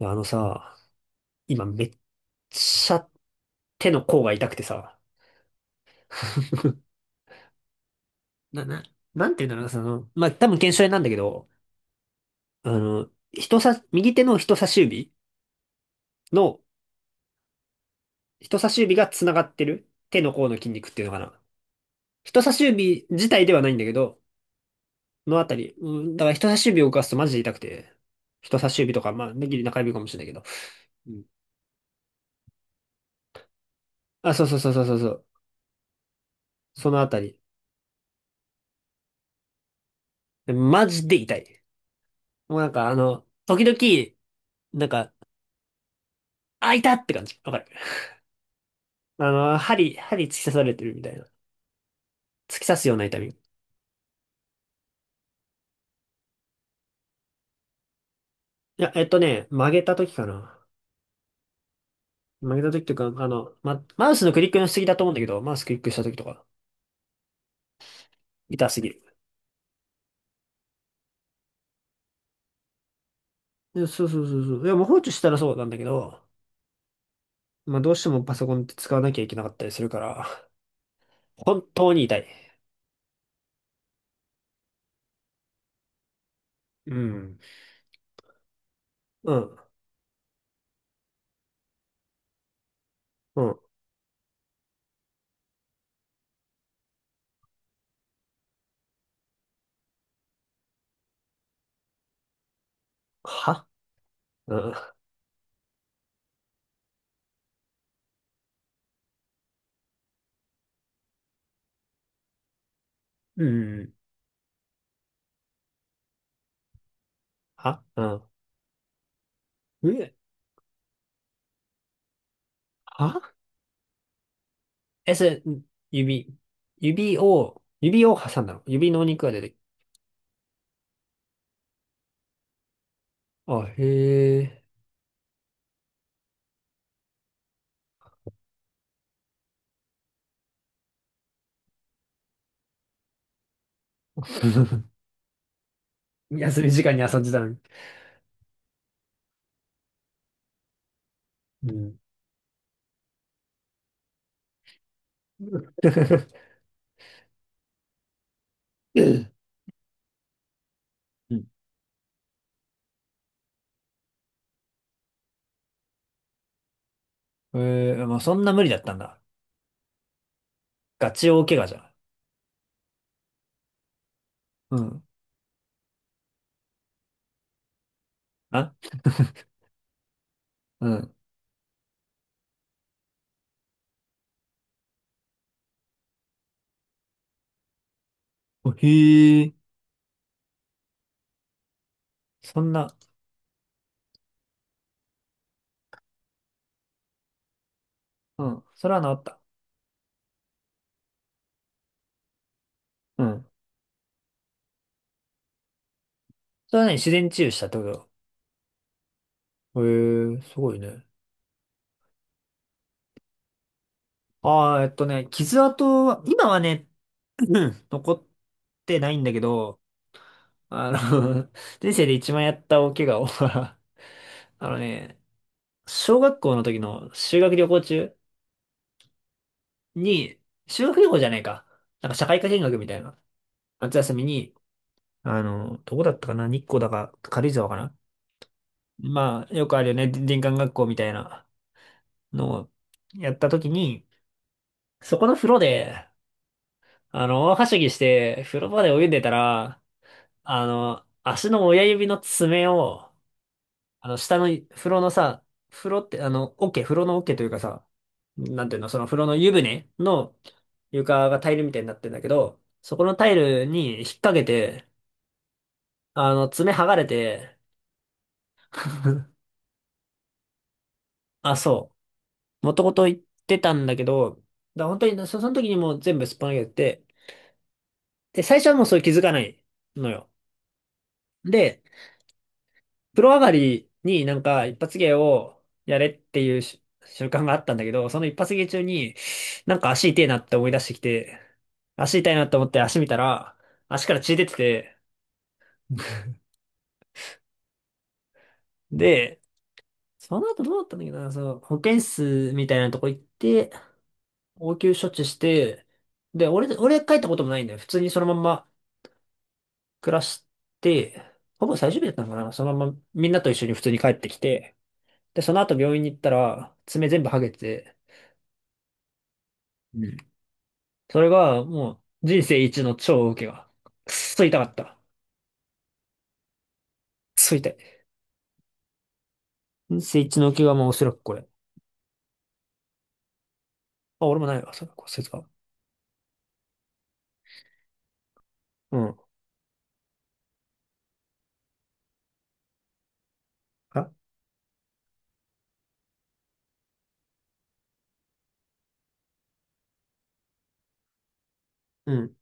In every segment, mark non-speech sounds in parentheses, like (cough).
あのさ、今めっちゃ手の甲が痛くてさ、(laughs) な、な、なんていうんだろうな、その、まあ、多分腱鞘炎なんだけど、あの、人さ、右手の人差し指の、人差し指が繋がってる手の甲の筋肉っていうのかな。人差し指自体ではないんだけど、のあたり、うん、だから人差し指を動かすとマジで痛くて、人差し指とか、まあ、ネギリ中指かもしれないけど、うん。あ、そうそうそうそうそうそう、そのあたり。マジで痛い。もうなんかあの、時々、なんか、あ、いたって感じ。わかる。あの、針突き刺されてるみたいな。突き刺すような痛み。いや、えっとね、曲げた時かな。曲げた時というか、あの、マウスのクリックのしすぎだと思うんだけど、マウスクリックした時とか、痛すぎる。いやそうそうそうそう。いや、もう放置したらそうなんだけど、まあ、どうしてもパソコンって使わなきゃいけなかったりするから、本当に痛い。うん。うん。うん。はうん。うん。はうん。えはえ、それ、指、指を挟んだの。指のお肉が出てあ、へえ。(laughs) 休み時間に遊んでたのに。うん。(laughs) うん。えー、まあ、そんな無理だったんだ。ガチ大怪我じゃん。うん。あうん。おへえ。そんな、うん。それは治った？うん。それはね、自然治癒したってこと？だへえ、すごいね。ああ、えっとね、傷跡は、今はね、(clears throat) うん残ってないんだけど、あの、(laughs) 人生で一番やった大怪我を (laughs) あのね、小学校の時の修学旅行中に、修学旅行じゃないか。なんか社会科見学みたいな。夏休みに、あの、どこだったかな、日光だか軽井沢かな。まあ、よくあるよね。で林間学校みたいなのをやった時に、そこの風呂で、あの、大はしゃぎして、風呂場で泳いでたら、あの、足の親指の爪を、あの、下の風呂のさ、風呂って、あの、桶、風呂の桶というかさ、なんていうの、その風呂の湯船の床がタイルみたいになってんだけど、そこのタイルに引っ掛けて、あの、爪剥がれて、あ、そう、もともと言ってたんだけど、だから本当にそ、その時にもう全部すっぱ抜けてて、で、最初はもうそれ気づかないのよ。で、プロ上がりになんか一発芸をやれっていうし習慣があったんだけど、その一発芸中になんか足痛いなって思い出してきて、足痛いなって思って足見たら、足から血出てて、で、その後どうだったんだっけどな、その保健室みたいなとこ行って、応急処置して、で、俺帰ったこともないんだよ。普通にそのまんま暮らして、ほぼ最終日だったのかな。そのままみんなと一緒に普通に帰ってきて、で、その後病院に行ったら、爪全部剥げてて、それが、もう、人生一の超受けが。くっそ痛かった。くっそ痛い。人生一の受けが、まあ、おそらくこれ。あ、俺もないわ、それ、骨折が。うん。あ、うん。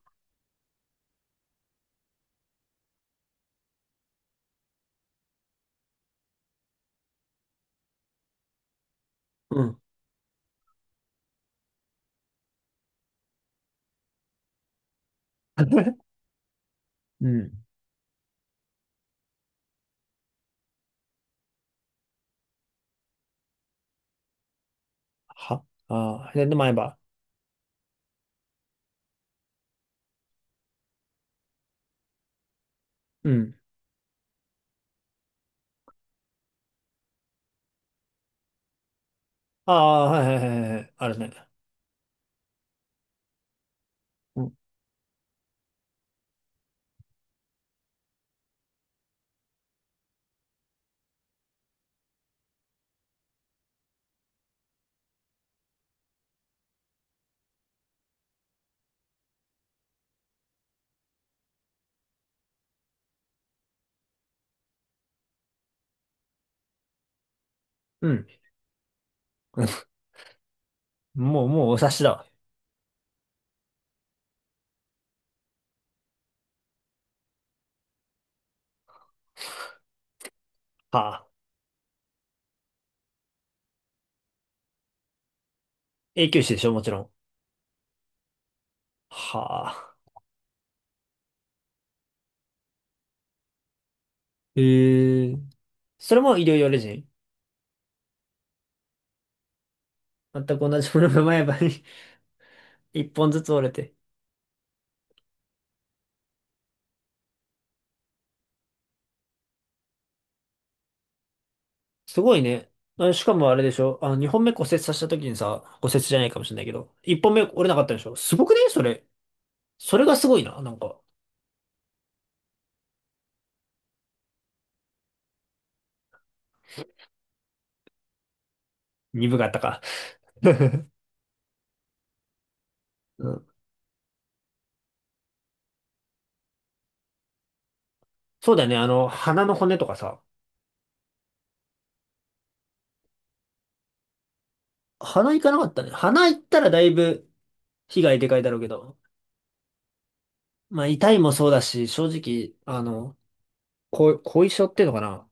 うん。(laughs) うん。は、あー、で、で、前歯。うん。ああ、はいはいはいはい。あるね。うん。うん。(laughs) もう、もうお察しだわ。はあ。永久歯でしょ、もちろん。はあ。へえ。それも医療用レジン？全く同じものが前歯に (laughs) 一本ずつ折れて。すごいね。あしかもあれでしょあの、2本目骨折させた時にさ、骨折じゃないかもしれないけど、1本目折れなかったでしょ、すごくねそれ。それがすごいな。なんか、鈍かったか。(laughs) うん。そうだよね。あの、鼻の骨とかさ。鼻行かなかったね。鼻行ったらだいぶ被害でかいだろうけど。まあ、痛いもそうだし、正直、あの、後遺症っていうのかな。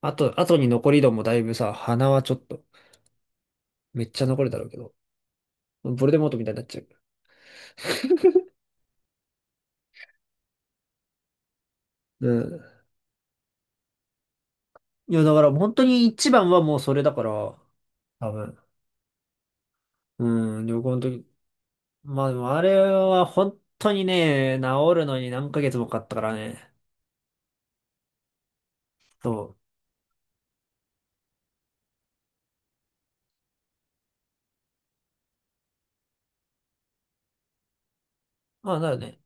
あと、後に残り度もだいぶさ、鼻はちょっと、めっちゃ残るだろうけど。ボルデモートみたいになっちゃう。うん。いや、だから本当に一番はもうそれだから、多分。うん、旅行の時。まあでもあれは本当にね、治るのに何ヶ月もかかったからね。そう。まあだよね。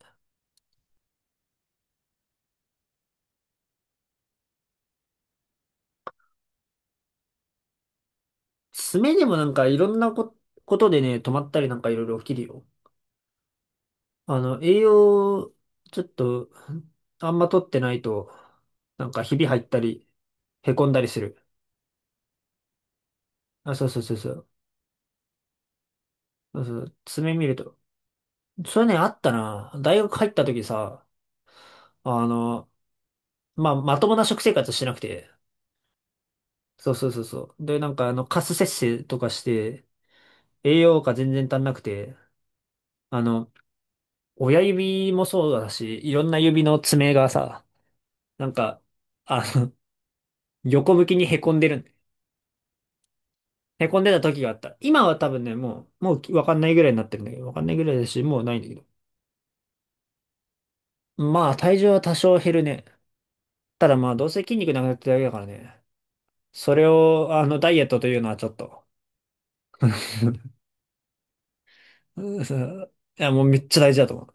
爪でもなんかいろんなこ、ことでね、止まったりなんかいろいろ起きるよ。あの、栄養、ちょっと、あんま取ってないと、なんかひび入ったり、へこんだりする。あ、そうそうそうそう。そうそう、爪見ると。それね、あったな。大学入った時さ、あの、まあ、まともな食生活してなくて。そうそうそうそう。で、なんか、あの、カス摂取とかして、栄養価全然足んなくて、あの、親指もそうだし、いろんな指の爪がさ、なんか、あの、(laughs) 横向きにへこんでるへこんでた時があった。今は多分ね、もう、もうわかんないぐらいになってるんだけど、わかんないぐらいだし、もうないんだけど。まあ、体重は多少減るね。ただまあ、どうせ筋肉なくなってるだけだからね。それを、あの、ダイエットというのはちょっと。(laughs) いや、もうめっちゃ大事だと思う。